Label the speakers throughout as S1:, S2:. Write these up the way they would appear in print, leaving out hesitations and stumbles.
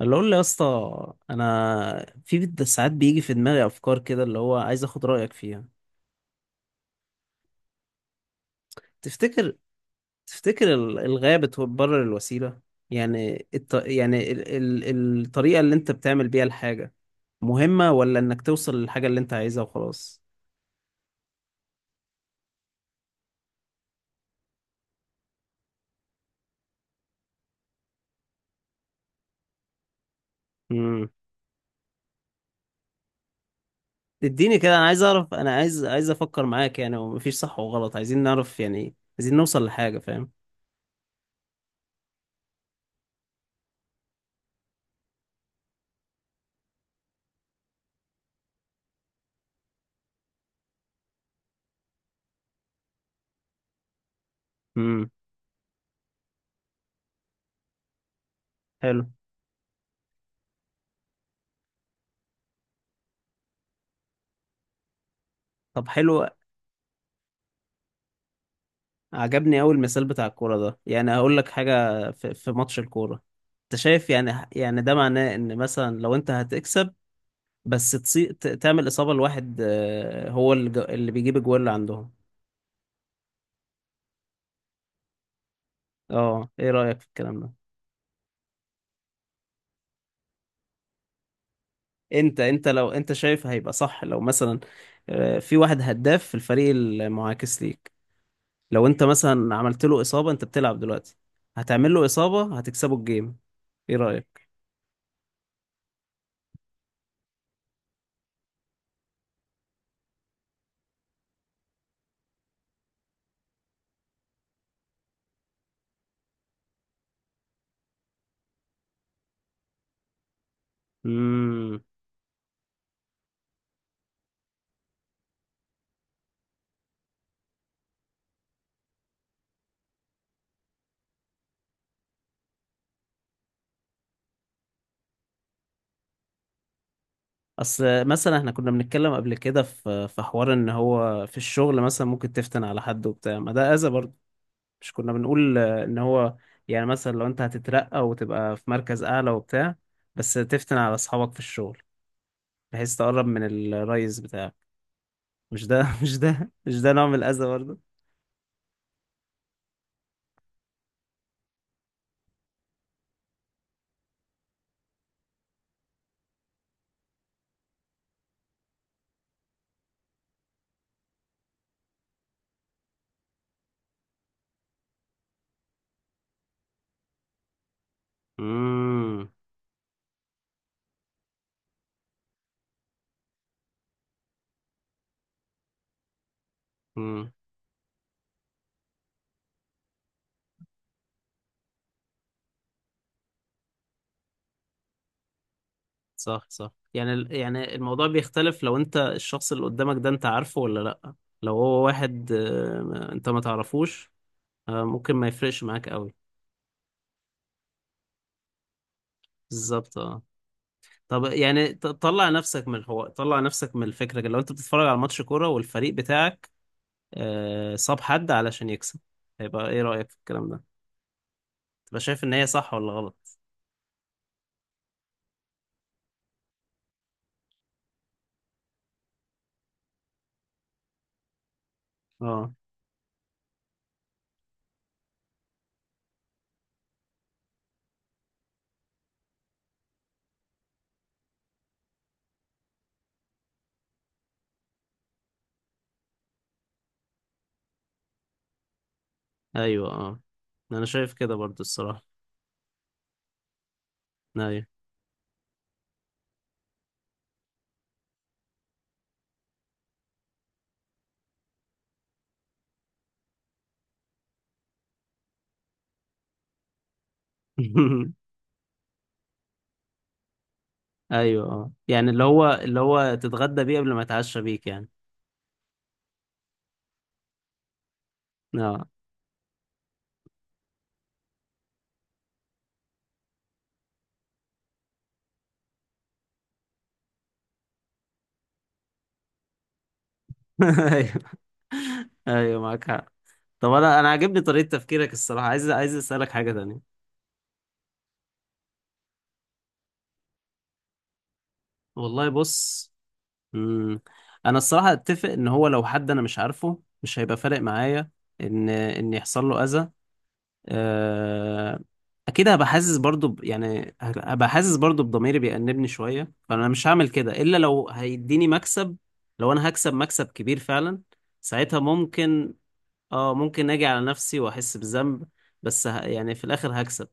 S1: اللي اقول له يا اسطى انا ساعات بيجي في دماغي افكار كده اللي هو عايز اخد رايك فيها. تفتكر تفتكر الغايه بتبرر الوسيله؟ يعني الطريقه اللي انت بتعمل بيها الحاجه مهمه، ولا انك توصل للحاجه اللي انت عايزها وخلاص؟ امم اديني كده، انا عايز اعرف، انا عايز افكر معاك يعني، ومفيش صح وغلط، عايزين نعرف يعني، عايزين نوصل لحاجه، فاهم؟ امم حلو. طب حلو، عجبني أوي المثال بتاع الكورة ده. يعني هقول لك حاجة، في ماتش الكورة، أنت شايف يعني، يعني ده معناه إن مثلا لو أنت هتكسب بس تعمل إصابة لواحد، هو اللي بيجيب الجوال اللي عندهم. أه، إيه رأيك في الكلام ده؟ أنت لو أنت شايف هيبقى صح، لو مثلا في واحد هداف في الفريق المعاكس ليك، لو أنت مثلا عملت له إصابة، أنت بتلعب دلوقتي، هتعمل له إصابة، هتكسبه الجيم. إيه رأيك؟ مم. اصل مثلا احنا كنا بنتكلم قبل كده في حوار ان هو في الشغل مثلا ممكن تفتن على حد وبتاع، ما ده اذى برضه. مش كنا بنقول ان هو يعني مثلا لو انت هتترقى وتبقى في مركز اعلى وبتاع، بس تفتن على اصحابك في الشغل، بحيث تقرب من الريس بتاعك؟ مش ده مش ده نوع من الاذى برضه؟ امم. امم. صح صح. يعني ال- يعني الموضوع بيختلف لو انت الشخص اللي قدامك ده انت عارفه ولا لا. لو هو واحد انت ما تعرفوش، ممكن ما يفرقش معاك قوي. بالظبط، اه. طب يعني طلع نفسك من الحوار، طلع نفسك من الفكرة، لو انت بتتفرج على ماتش كورة والفريق بتاعك صاب حد علشان يكسب، هيبقى ايه رأيك في الكلام ده؟ تبقى شايف ان هي صح ولا غلط؟ اه، ايوه اه. انا شايف كده برضو الصراحة. ايوه. ايوه، اه. يعني اللي هو، اللي هو تتغدى بيه قبل ما يتعشى بيك يعني. اه. ايوه. ايوه، معاك حق. طب انا، انا عاجبني طريقة تفكيرك الصراحة. عايز اسألك حاجة تانية. والله بص. مم. انا الصراحه اتفق ان هو لو حد انا مش عارفه مش هيبقى فارق معايا ان يحصل له اذى. آه، اكيد هبقى حاسس برضو يعني هبقى حاسس برضو بضميري بيأنبني شويه، فانا مش هعمل كده الا لو هيديني مكسب. لو انا هكسب مكسب كبير فعلا، ساعتها ممكن. اه، ممكن اجي على نفسي واحس بذنب، بس يعني في الاخر هكسب.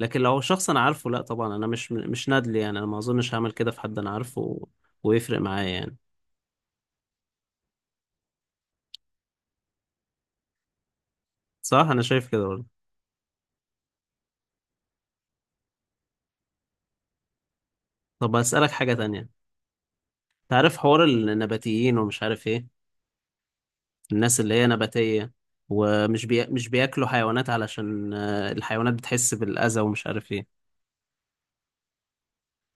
S1: لكن لو شخص انا عارفه، لا طبعا، انا مش نادل يعني، انا ما اظنش هعمل كده في حد انا عارفه ويفرق معايا يعني. صح، انا شايف كده برضه. طب اسالك حاجه تانية. تعرف حوار النباتيين ومش عارف ايه؟ الناس اللي هي نباتيه مش بياكلوا حيوانات علشان الحيوانات بتحس بالاذى ومش عارف ايه،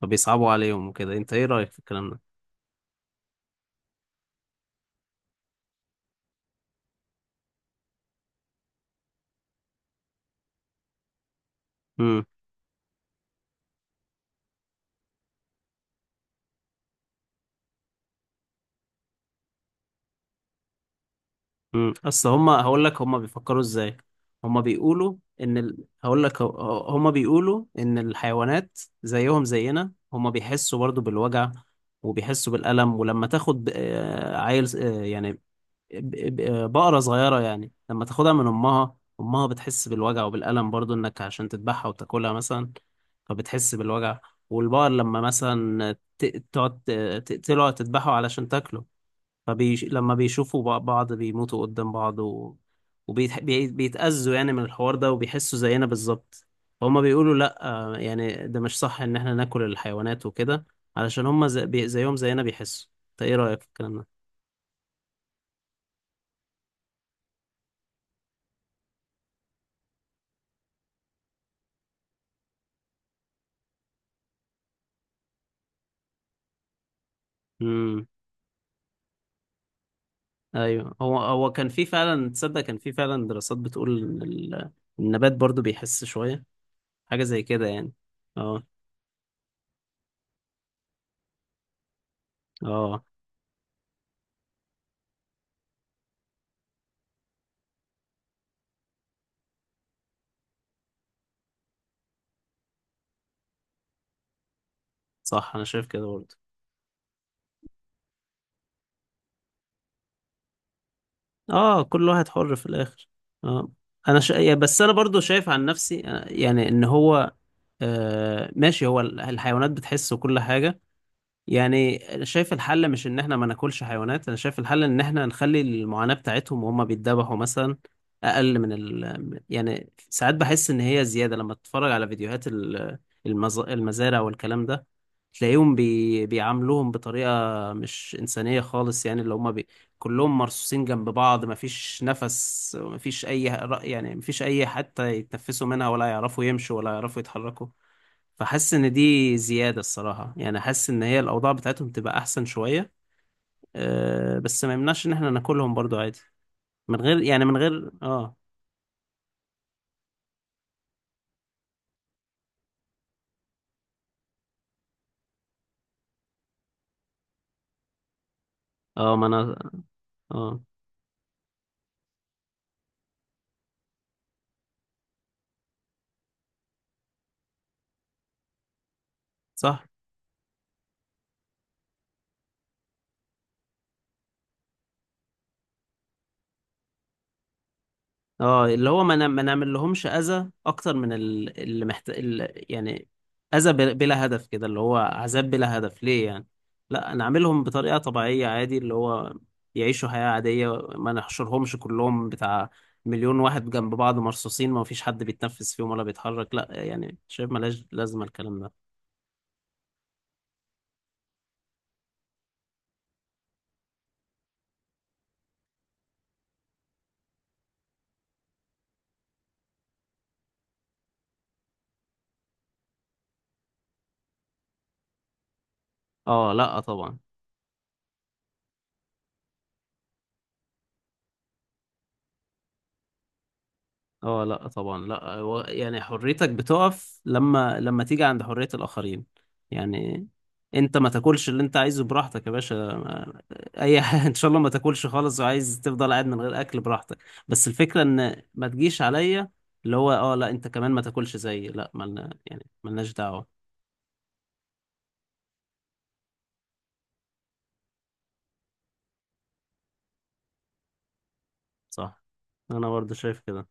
S1: فبيصعبوا عليهم وكده. انت ايه رايك في الكلام ده؟ امم. امم. اصل هم، هقول لك هم بيفكروا ازاي. هم بيقولوا ان هقول لك، هم بيقولوا ان الحيوانات زيهم زينا، هم بيحسوا برضه بالوجع وبيحسوا بالألم. ولما تاخد، عيل، يعني بقرة صغيرة، يعني لما تاخدها من أمها، أمها بتحس بالوجع وبالألم برضو، إنك عشان تذبحها وتاكلها مثلا، فبتحس بالوجع. والبقر لما مثلا ت- تقعد ت- تقتله أو تذبحه علشان تاكله، لما بيشوفوا بعض بيموتوا قدام بعض وبيتأذوا يعني من الحوار ده، وبيحسوا زينا بالظبط. فهم بيقولوا لأ، يعني ده مش صح إن إحنا ناكل الحيوانات وكده، علشان هم زيهم زينا بيحسوا. أنت إيه رأيك في الكلام ده؟ ايوه. هو كان في فعلا، تصدق كان في فعلا دراسات بتقول ان النبات برضو بيحس شويه، حاجه زي كده يعني. اه. اه. صح، انا شايف كده برضو. اه، كل واحد حر في الاخر. اه. بس انا برضو شايف عن نفسي، يعني ان هو، آه ماشي، هو ال- الحيوانات بتحس وكل حاجه، يعني انا شايف الحل مش ان احنا ما ناكلش حيوانات. انا شايف الحل ان احنا نخلي المعاناة بتاعتهم وهم بيتذبحوا مثلا اقل من يعني ساعات بحس ان هي زيادة. لما تتفرج على فيديوهات المزارع والكلام ده، تلاقيهم بيعاملوهم بطريقة مش إنسانية خالص، يعني اللي هم كلهم مرصوصين جنب بعض، مفيش نفس، مفيش اي يعني مفيش اي حتى يتنفسوا منها، ولا يعرفوا يمشوا، ولا يعرفوا يتحركوا. فحاسس ان دي زيادة الصراحة. يعني حاسس ان هي الاوضاع بتاعتهم تبقى احسن شوية. أه، بس ما يمنعش ان احنا ناكلهم برضو عادي، من غير يعني، من غير اه. اه. ما انا. اه. صح. اه، اللي هو ما نعملهمش اذى اكتر من يعني اذى بلا هدف كده، اللي هو عذاب بلا هدف ليه يعني. لا نعملهم بطريقة طبيعية عادي، اللي هو يعيشوا حياة عادية، ما نحشرهمش كلهم بتاع مليون واحد جنب بعض مرصوصين، ما فيش حد بيتنفس فيهم ولا بيتحرك، لا يعني. شايف ملاش لازمة الكلام ده. اه، لا طبعا. اه، لا طبعا، لا. هو يعني حريتك بتقف لما، لما تيجي عند حرية الآخرين يعني. انت ما تاكلش اللي انت عايزه براحتك يا باشا، اي حاجة، ان شاء الله ما تاكلش خالص وعايز تفضل قاعد من غير اكل، براحتك. بس الفكرة ان ما تجيش عليا، اللي هو اه لا، انت كمان ما تاكلش زيي، لا، ملنا يعني ملناش دعوة. صح، انا برضه شايف كده.